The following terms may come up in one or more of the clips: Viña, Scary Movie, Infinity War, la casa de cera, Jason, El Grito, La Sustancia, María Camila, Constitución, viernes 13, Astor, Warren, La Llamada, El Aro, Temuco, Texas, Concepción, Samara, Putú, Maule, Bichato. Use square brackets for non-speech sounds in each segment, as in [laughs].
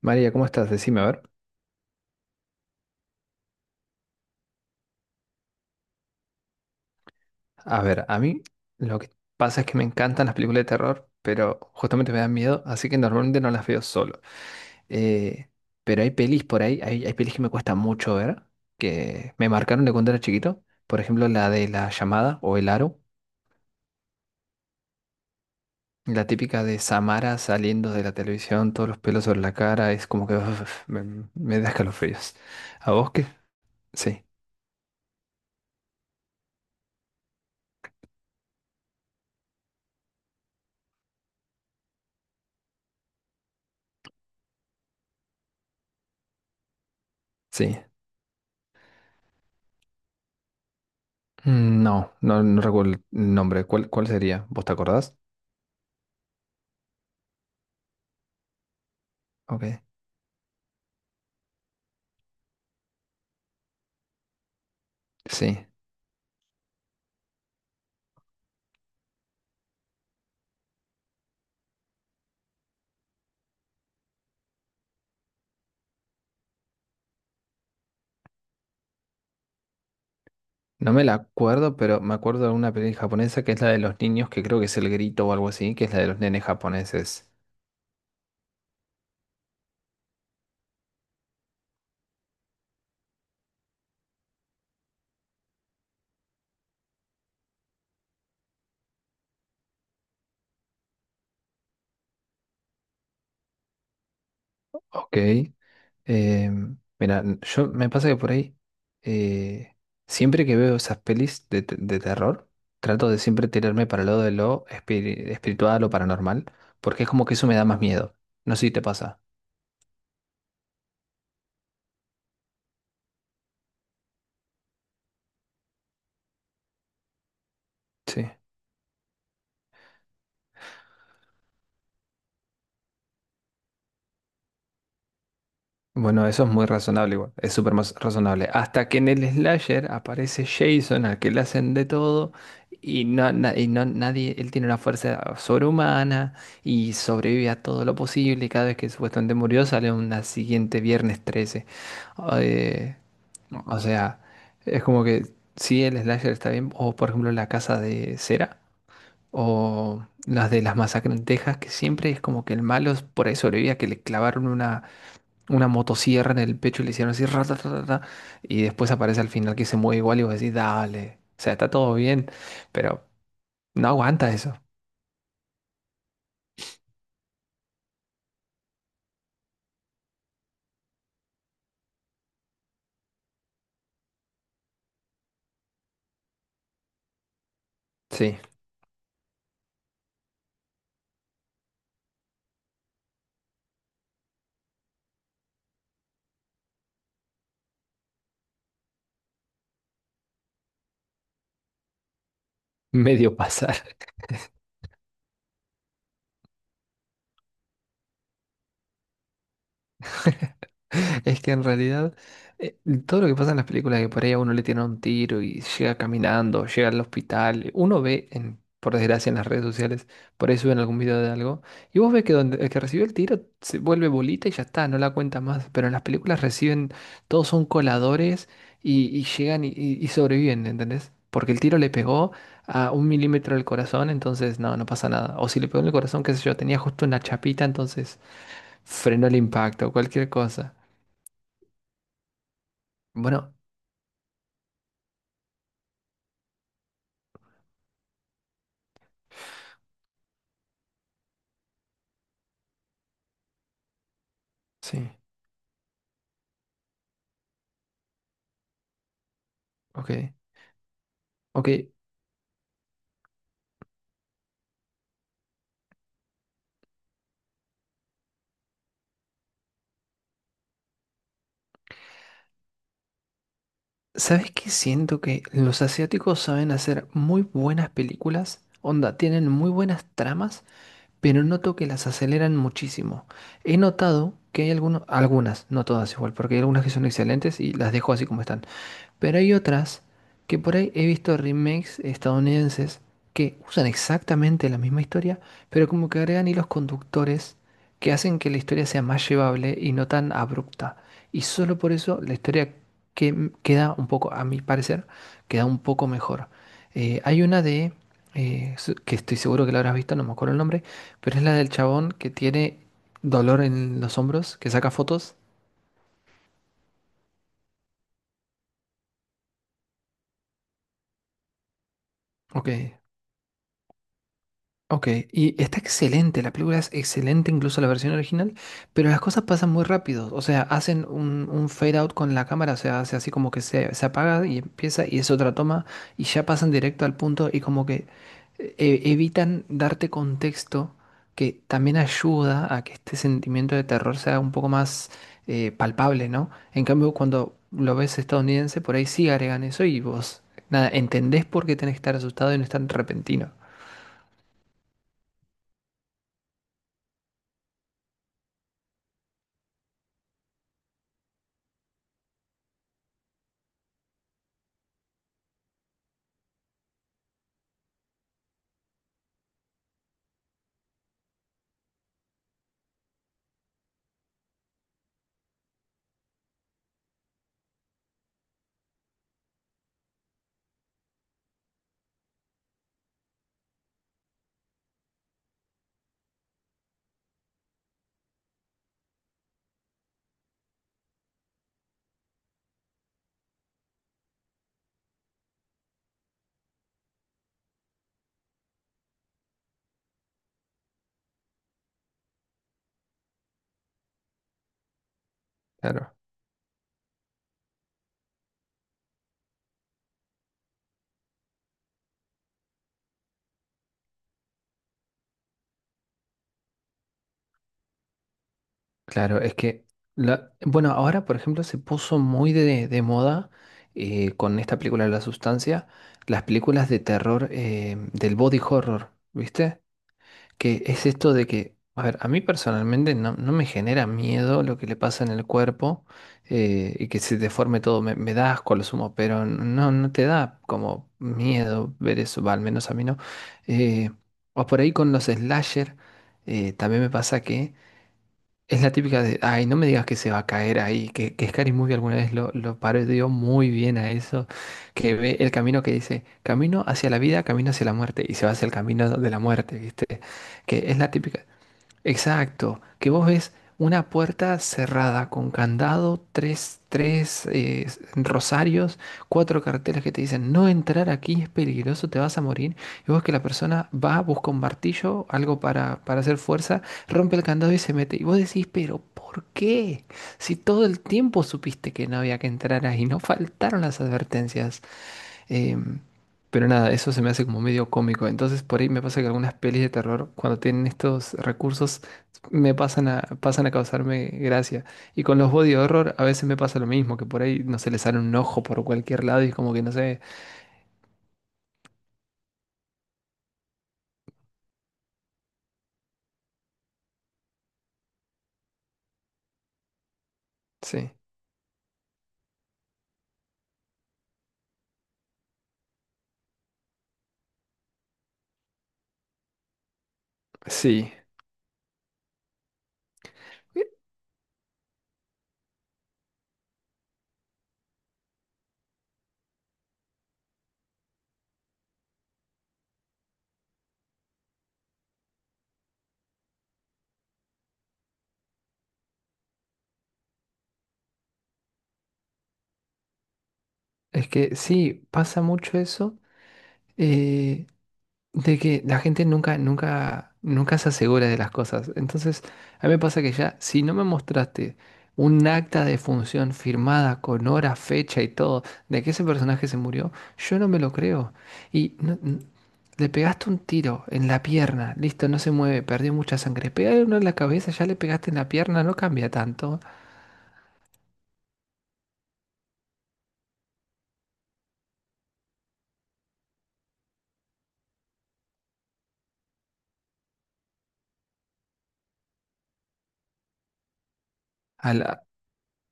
María, ¿cómo estás? Decime, a ver. A ver, a mí lo que pasa es que me encantan las películas de terror, pero justamente me dan miedo, así que normalmente no las veo solo. Eh, pero hay pelis por ahí, hay pelis que me cuesta mucho ver, que me marcaron de cuando era chiquito. Por ejemplo, la de La Llamada o El Aro, la típica de Samara saliendo de la televisión, todos los pelos sobre la cara, es como que uf, me da escalofríos. ¿A vos qué? Sí, sí. Mm, no, no recuerdo el nombre. ¿Cuál sería? ¿Vos te acordás? Ok. Sí, no me la acuerdo, pero me acuerdo de una película japonesa que es la de los niños, que creo que es El Grito o algo así, que es la de los nenes japoneses. Ok. Mira, yo me pasa que por ahí, eh, siempre que veo esas pelis de, de terror, trato de siempre tirarme para el lado de lo espiritual o paranormal, porque es como que eso me da más miedo. No sé si te pasa. Sí. Bueno, eso es muy razonable igual, es súper más razonable. Hasta que en el slasher aparece Jason, al que le hacen de todo, y no, y no nadie, él tiene una fuerza sobrehumana y sobrevive a todo lo posible, y cada vez que supuestamente murió sale una siguiente viernes 13. Eh, o sea, es como que sí el slasher está bien, o por ejemplo la casa de cera, o las de las masacres en Texas, que siempre es como que el malo por ahí sobrevivía, que le clavaron una motosierra en el pecho y le hicieron así, rata y después aparece al final que se mueve igual y vos decís, dale, o sea, está todo bien, pero no aguanta eso. Sí, [laughs] medio pasa. [laughs] Es que en realidad eh, todo lo que pasa en las películas que por ahí a uno le tiene un tiro y llega caminando, llega al hospital, uno ve en, por desgracia en las redes sociales, por ahí suben algún video de algo, y vos ves que donde el que recibió el tiro se vuelve bolita y ya está, no la cuenta más, pero en las películas reciben, todos son coladores y llegan y sobreviven, ¿entendés? Porque el tiro le pegó a un milímetro del corazón, entonces no, no pasa nada. O si le pegó en el corazón, qué sé yo, tenía justo una chapita, entonces frenó el impacto, cualquier cosa. Bueno, sí, ok, ok. ¿Sabes qué? Siento que los asiáticos saben hacer muy buenas películas, onda, tienen muy buenas tramas, pero noto que las aceleran muchísimo. He notado que hay algunos, algunas, no todas igual, porque hay algunas que son excelentes y las dejo así como están. Pero hay otras que por ahí he visto remakes estadounidenses que usan exactamente la misma historia, pero como que agregan hilos conductores que hacen que la historia sea más llevable y no tan abrupta. Y solo por eso la historia que queda un poco, a mi parecer, queda un poco mejor. Hay una de, que estoy seguro que la habrás visto, no me acuerdo el nombre, pero es la del chabón que tiene dolor en los hombros, que saca fotos. Ok. Ok, y está excelente, la película es excelente, incluso la versión original, pero las cosas pasan muy rápido, o sea, hacen un fade out con la cámara, o sea, hace así como que se apaga y empieza y es otra toma y ya pasan directo al punto y como que evitan darte contexto que también ayuda a que este sentimiento de terror sea un poco más palpable, ¿no? En cambio, cuando lo ves estadounidense, por ahí sí agregan eso y vos, nada, entendés por qué tenés que estar asustado y no es tan repentino. Claro. Claro, es que, la, bueno, ahora por ejemplo se puso muy de moda con esta película La Sustancia, las películas de terror del body horror, ¿viste? Que es esto de que, a ver, a mí personalmente no, no me genera miedo lo que le pasa en el cuerpo y que se deforme todo, me da asco a lo sumo, pero no, no te da como miedo ver eso, va, al menos a mí no. Eh, o por ahí con los slasher, también me pasa que... Es la típica de, ay, no me digas que se va a caer ahí, que Scary Movie alguna vez lo parodió muy bien a eso, que ve el camino que dice, camino hacia la vida, camino hacia la muerte, y se va hacia el camino de la muerte, ¿viste? Que es la típica, exacto, que vos ves una puerta cerrada con candado, tres rosarios, cuatro carteles que te dicen no entrar aquí es peligroso, te vas a morir. Y vos que la persona va, busca un martillo, algo para hacer fuerza, rompe el candado y se mete. Y vos decís, pero ¿por qué? Si todo el tiempo supiste que no había que entrar ahí, no faltaron las advertencias. Em, pero nada, eso se me hace como medio cómico. Entonces por ahí me pasa que algunas pelis de terror, cuando tienen estos recursos, me pasan pasan a causarme gracia. Y con los body horror a veces me pasa lo mismo, que por ahí no se les sale un ojo por cualquier lado y es como que no sé. Sí, sí. Es que sí, pasa mucho eso. eh, de que la gente nunca se asegura de las cosas. Entonces, a mí me pasa que ya, si no me mostraste un acta de función firmada con hora, fecha y todo, de que ese personaje se murió, yo no me lo creo. Y le pegaste un tiro en la pierna, listo, no se mueve, perdió mucha sangre. Pégale uno en la cabeza, ya le pegaste en la pierna, no cambia tanto. A la-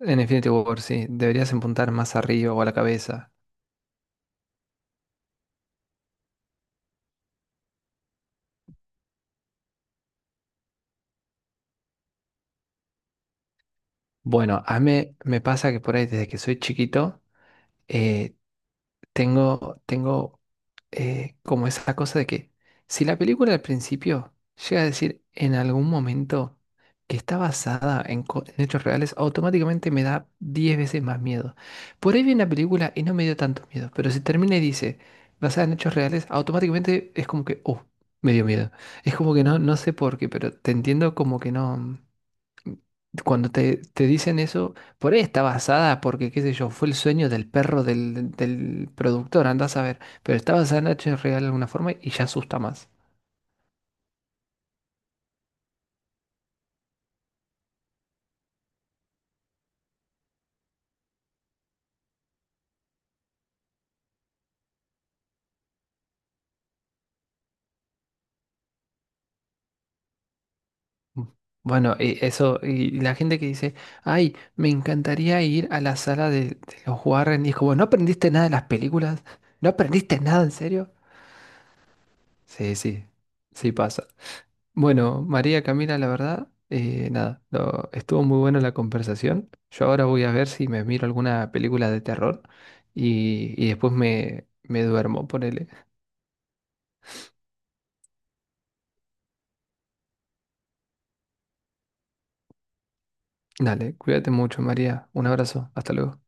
en Infinity War, sí, deberías apuntar más arriba o a la cabeza. Bueno, a mí me pasa que por ahí desde que soy chiquito, eh, tengo, tengo como esa cosa de que si la película al principio llega a decir en algún momento que está basada en, en hechos reales, automáticamente me da 10 veces más miedo. Por ahí vi una película y no me dio tanto miedo, pero si termina y dice basada en hechos reales, automáticamente es como que, oh, me dio miedo. Es como que no, no sé por qué, pero te entiendo como que no. Cuando te dicen eso, por ahí está basada, porque qué sé yo, fue el sueño del perro del productor, andás a ver, pero está basada en hechos real de alguna forma y ya asusta más. Mm. Bueno, y eso, y la gente que dice, ay, me encantaría ir a la sala de los Warren, y es como, ¿no aprendiste nada de las películas? ¿No aprendiste nada en serio? Sí, sí, sí pasa. Bueno, María Camila, la verdad, nada, lo- estuvo muy buena la conversación. Yo ahora voy a ver si me miro alguna película de terror y después me duermo, ponele. Dale, cuídate mucho, María. Un abrazo, hasta luego.